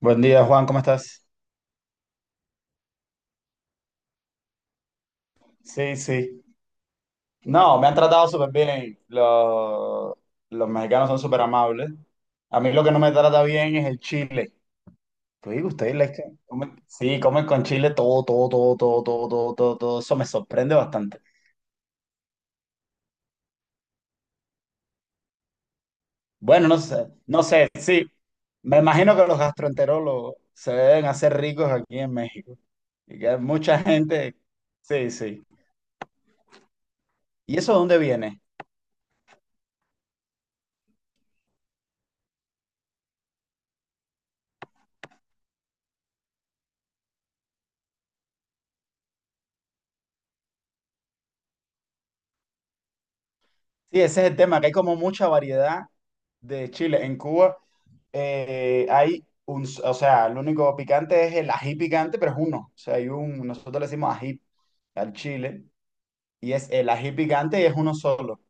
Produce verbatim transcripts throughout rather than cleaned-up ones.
Buen día, Juan, ¿cómo estás? Sí, sí. No, me han tratado súper bien. Los, los mexicanos son súper amables. A mí lo que no me trata bien es el chile. Pues digo, ustedes les que comen- sí, comen con chile todo, todo, todo, todo, todo, todo, todo, todo. Eso me sorprende bastante. Bueno, no sé, no sé, sí. Me imagino que los gastroenterólogos se deben hacer ricos aquí en México. Y que hay mucha gente. Sí, sí. ¿Y eso de dónde viene? Sí, ese es el tema, que hay como mucha variedad de chile. En Cuba eh, hay un, o sea, el único picante es el ají picante, pero es uno. O sea, hay un, nosotros le decimos ají al chile, y es el ají picante y es uno solo.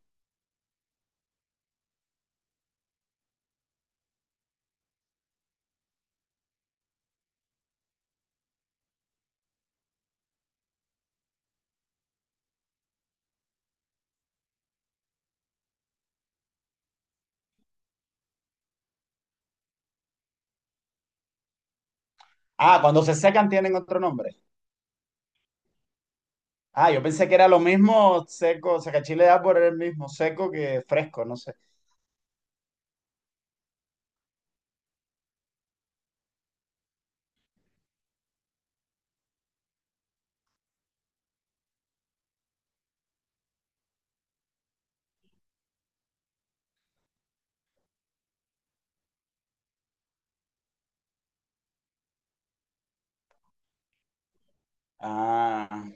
Ah, cuando se secan tienen otro nombre. Ah, yo pensé que era lo mismo seco, o sea, que chile da por el mismo seco que fresco, no sé. Ah,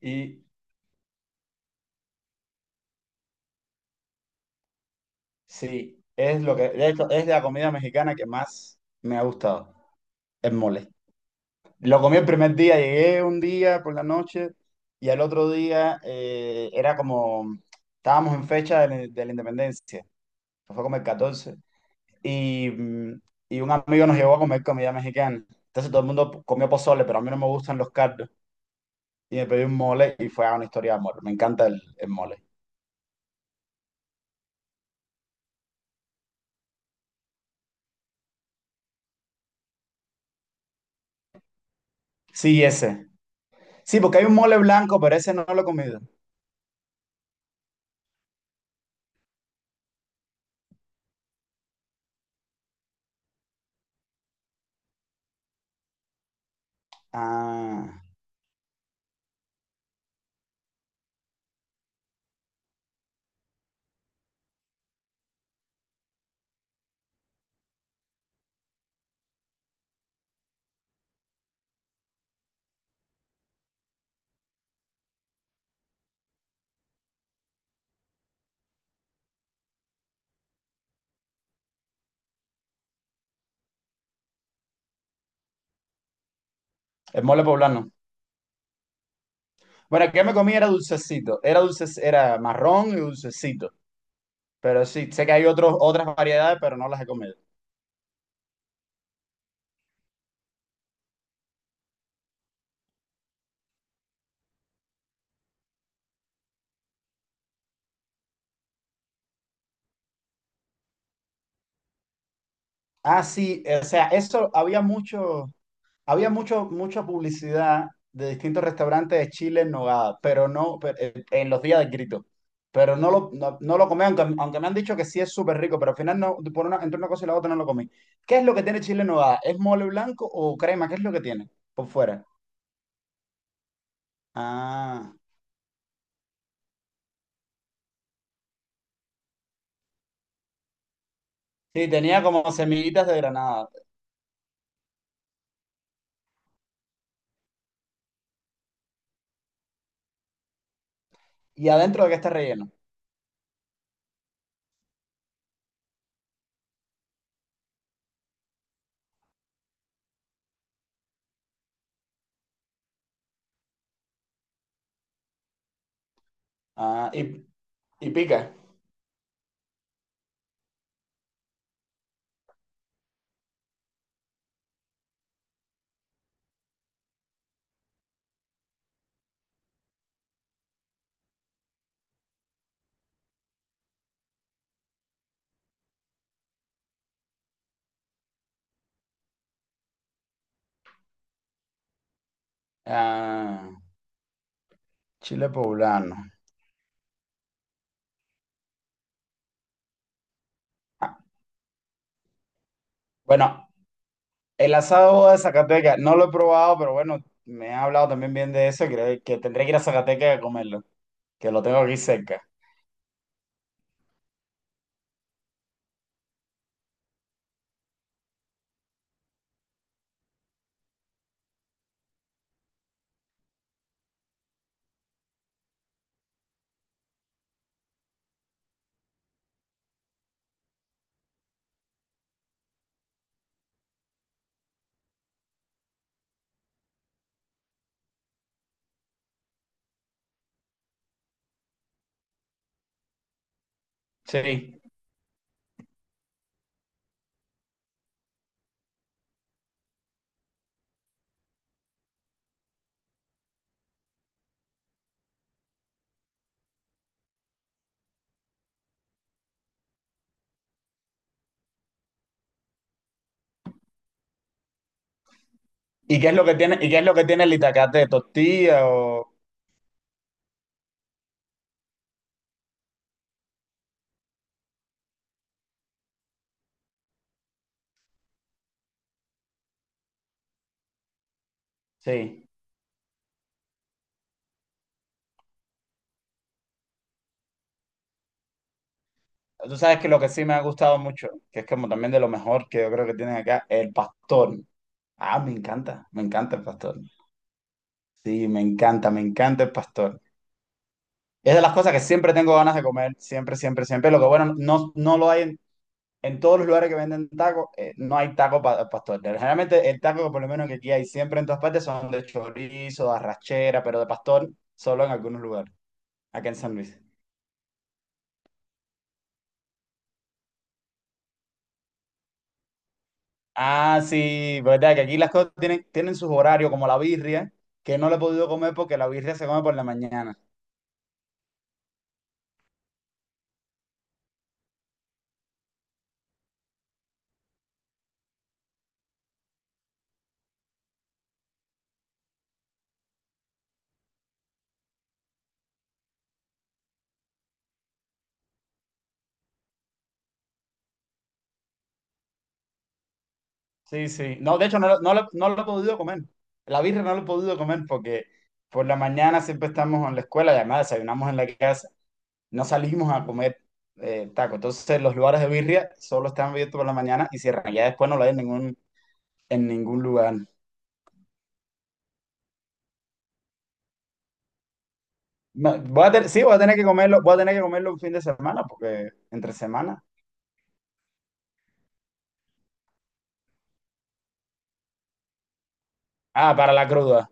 y sí, es lo que, de hecho, es la comida mexicana que más me ha gustado, el mole. Lo comí el primer día, llegué un día por la noche y al otro día eh, era como, estábamos en fecha de, la de la independencia, fue como el catorce y, mm, y un amigo nos llevó a comer comida mexicana. Entonces todo el mundo comió pozole, pero a mí no me gustan los caldos. Y me pedí un mole y fue a una historia de amor. Me encanta el, el mole. Sí, ese. Sí, porque hay un mole blanco, pero ese no lo he comido. Ah, el mole poblano. Bueno, el que me comí era dulcecito. Era dulce, era marrón y dulcecito. Pero sí, sé que hay otros, otras variedades, pero no las he comido. Ah, sí, o sea, eso había mucho, había mucho, mucha publicidad de distintos restaurantes de Chile en Nogada, pero no, pero, eh, en los días del grito. Pero no lo, no, no lo comí, aunque, aunque me han dicho que sí es súper rico, pero al final no, por una, entre una cosa y la otra no lo comí. ¿Qué es lo que tiene Chile en Nogada? ¿Es mole blanco o crema? ¿Qué es lo que tiene por fuera? Ah, sí, tenía como semillitas de granada. ¿Y adentro de qué está relleno? Ah, y, y pica. Ah. Chile poblano. Ah, bueno, el asado de Zacatecas, no lo he probado, pero bueno, me han hablado también bien de eso y creo que tendré que ir a Zacatecas a comerlo, que lo tengo aquí cerca. Sí. ¿Y qué es lo que tiene, y qué es lo que tiene el itacate? ¿Tortilla o...? Sí. Tú sabes que lo que sí me ha gustado mucho, que es como también de lo mejor que yo creo que tienen acá, el pastor. Ah, me encanta, me encanta el pastor. Sí, me encanta, me encanta el pastor. Es de las cosas que siempre tengo ganas de comer, siempre, siempre, siempre. Lo que bueno, no, no lo hay, en todos los lugares que venden tacos, eh, no hay taco pa- pastor. Generalmente el taco que por lo menos que aquí hay siempre en todas partes son de chorizo, de arrachera, pero de pastor solo en algunos lugares, acá en San Luis. Ah, sí, verdad que aquí las cosas tienen, tienen sus horarios, como la birria, que no la he podido comer porque la birria se come por la mañana. Sí, sí. No, de hecho no, lo- no, lo- no lo he podido comer. La birria no lo he podido comer porque por la mañana siempre estamos en la escuela y además desayunamos en la casa. No salimos a comer eh, taco. Entonces los lugares de birria solo están abiertos por la mañana y cierran. Ya después no lo hay en ningún, en ningún lugar. No, voy a ten- sí, voy a tener que comerlo, voy a tener que comerlo un fin de semana, porque entre semana. Ah, para la cruda.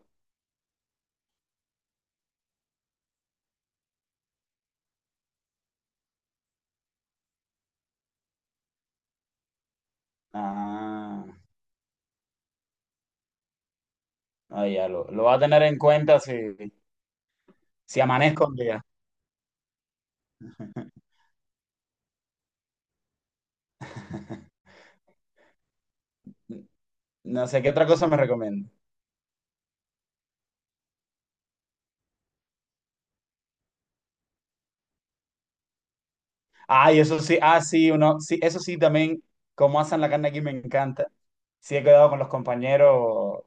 Ah, ah, ya lo, lo voy a tener en cuenta si, si amanezco un día. No sé qué otra cosa me recomiendo. Ah, y eso sí, ah, sí, uno, sí, eso sí también, como hacen la carne aquí me encanta. Sí, he quedado con los compañeros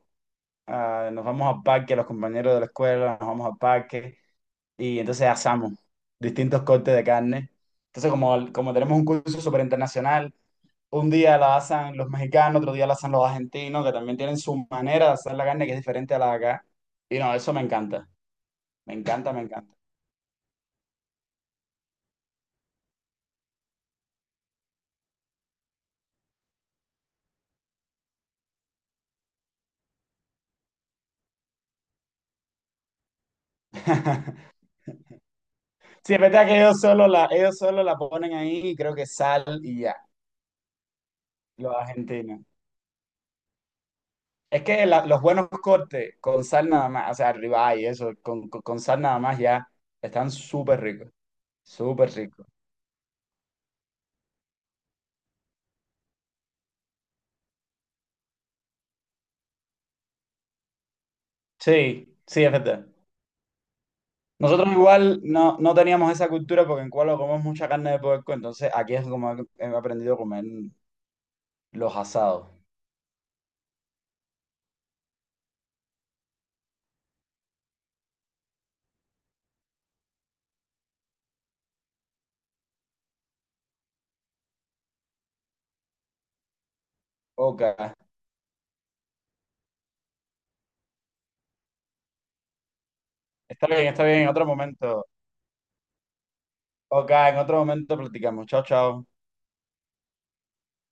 ah, nos vamos al parque, los compañeros de la escuela, nos vamos al parque y entonces asamos distintos cortes de carne. Entonces, como, como tenemos un curso súper internacional, un día la asan los mexicanos, otro día la asan los argentinos, que también tienen su manera de hacer la carne que es diferente a la de acá. Y no, eso me encanta, me encanta, me encanta. Sí, es verdad que ellos solo la, ellos solo la ponen ahí y creo que sal y ya, los argentinos. Es que la- los buenos cortes con sal nada más, o sea, ribeye y eso, con, con, con sal nada más ya están súper ricos, súper ricos. Sí, sí, es verdad. Nosotros igual no, no teníamos esa cultura porque en Cuba comemos mucha carne de puerco, entonces aquí es como he he aprendido a comer los asados. Ok, está bien, está bien, en otro momento. Ok, en otro momento platicamos. Chao, chao.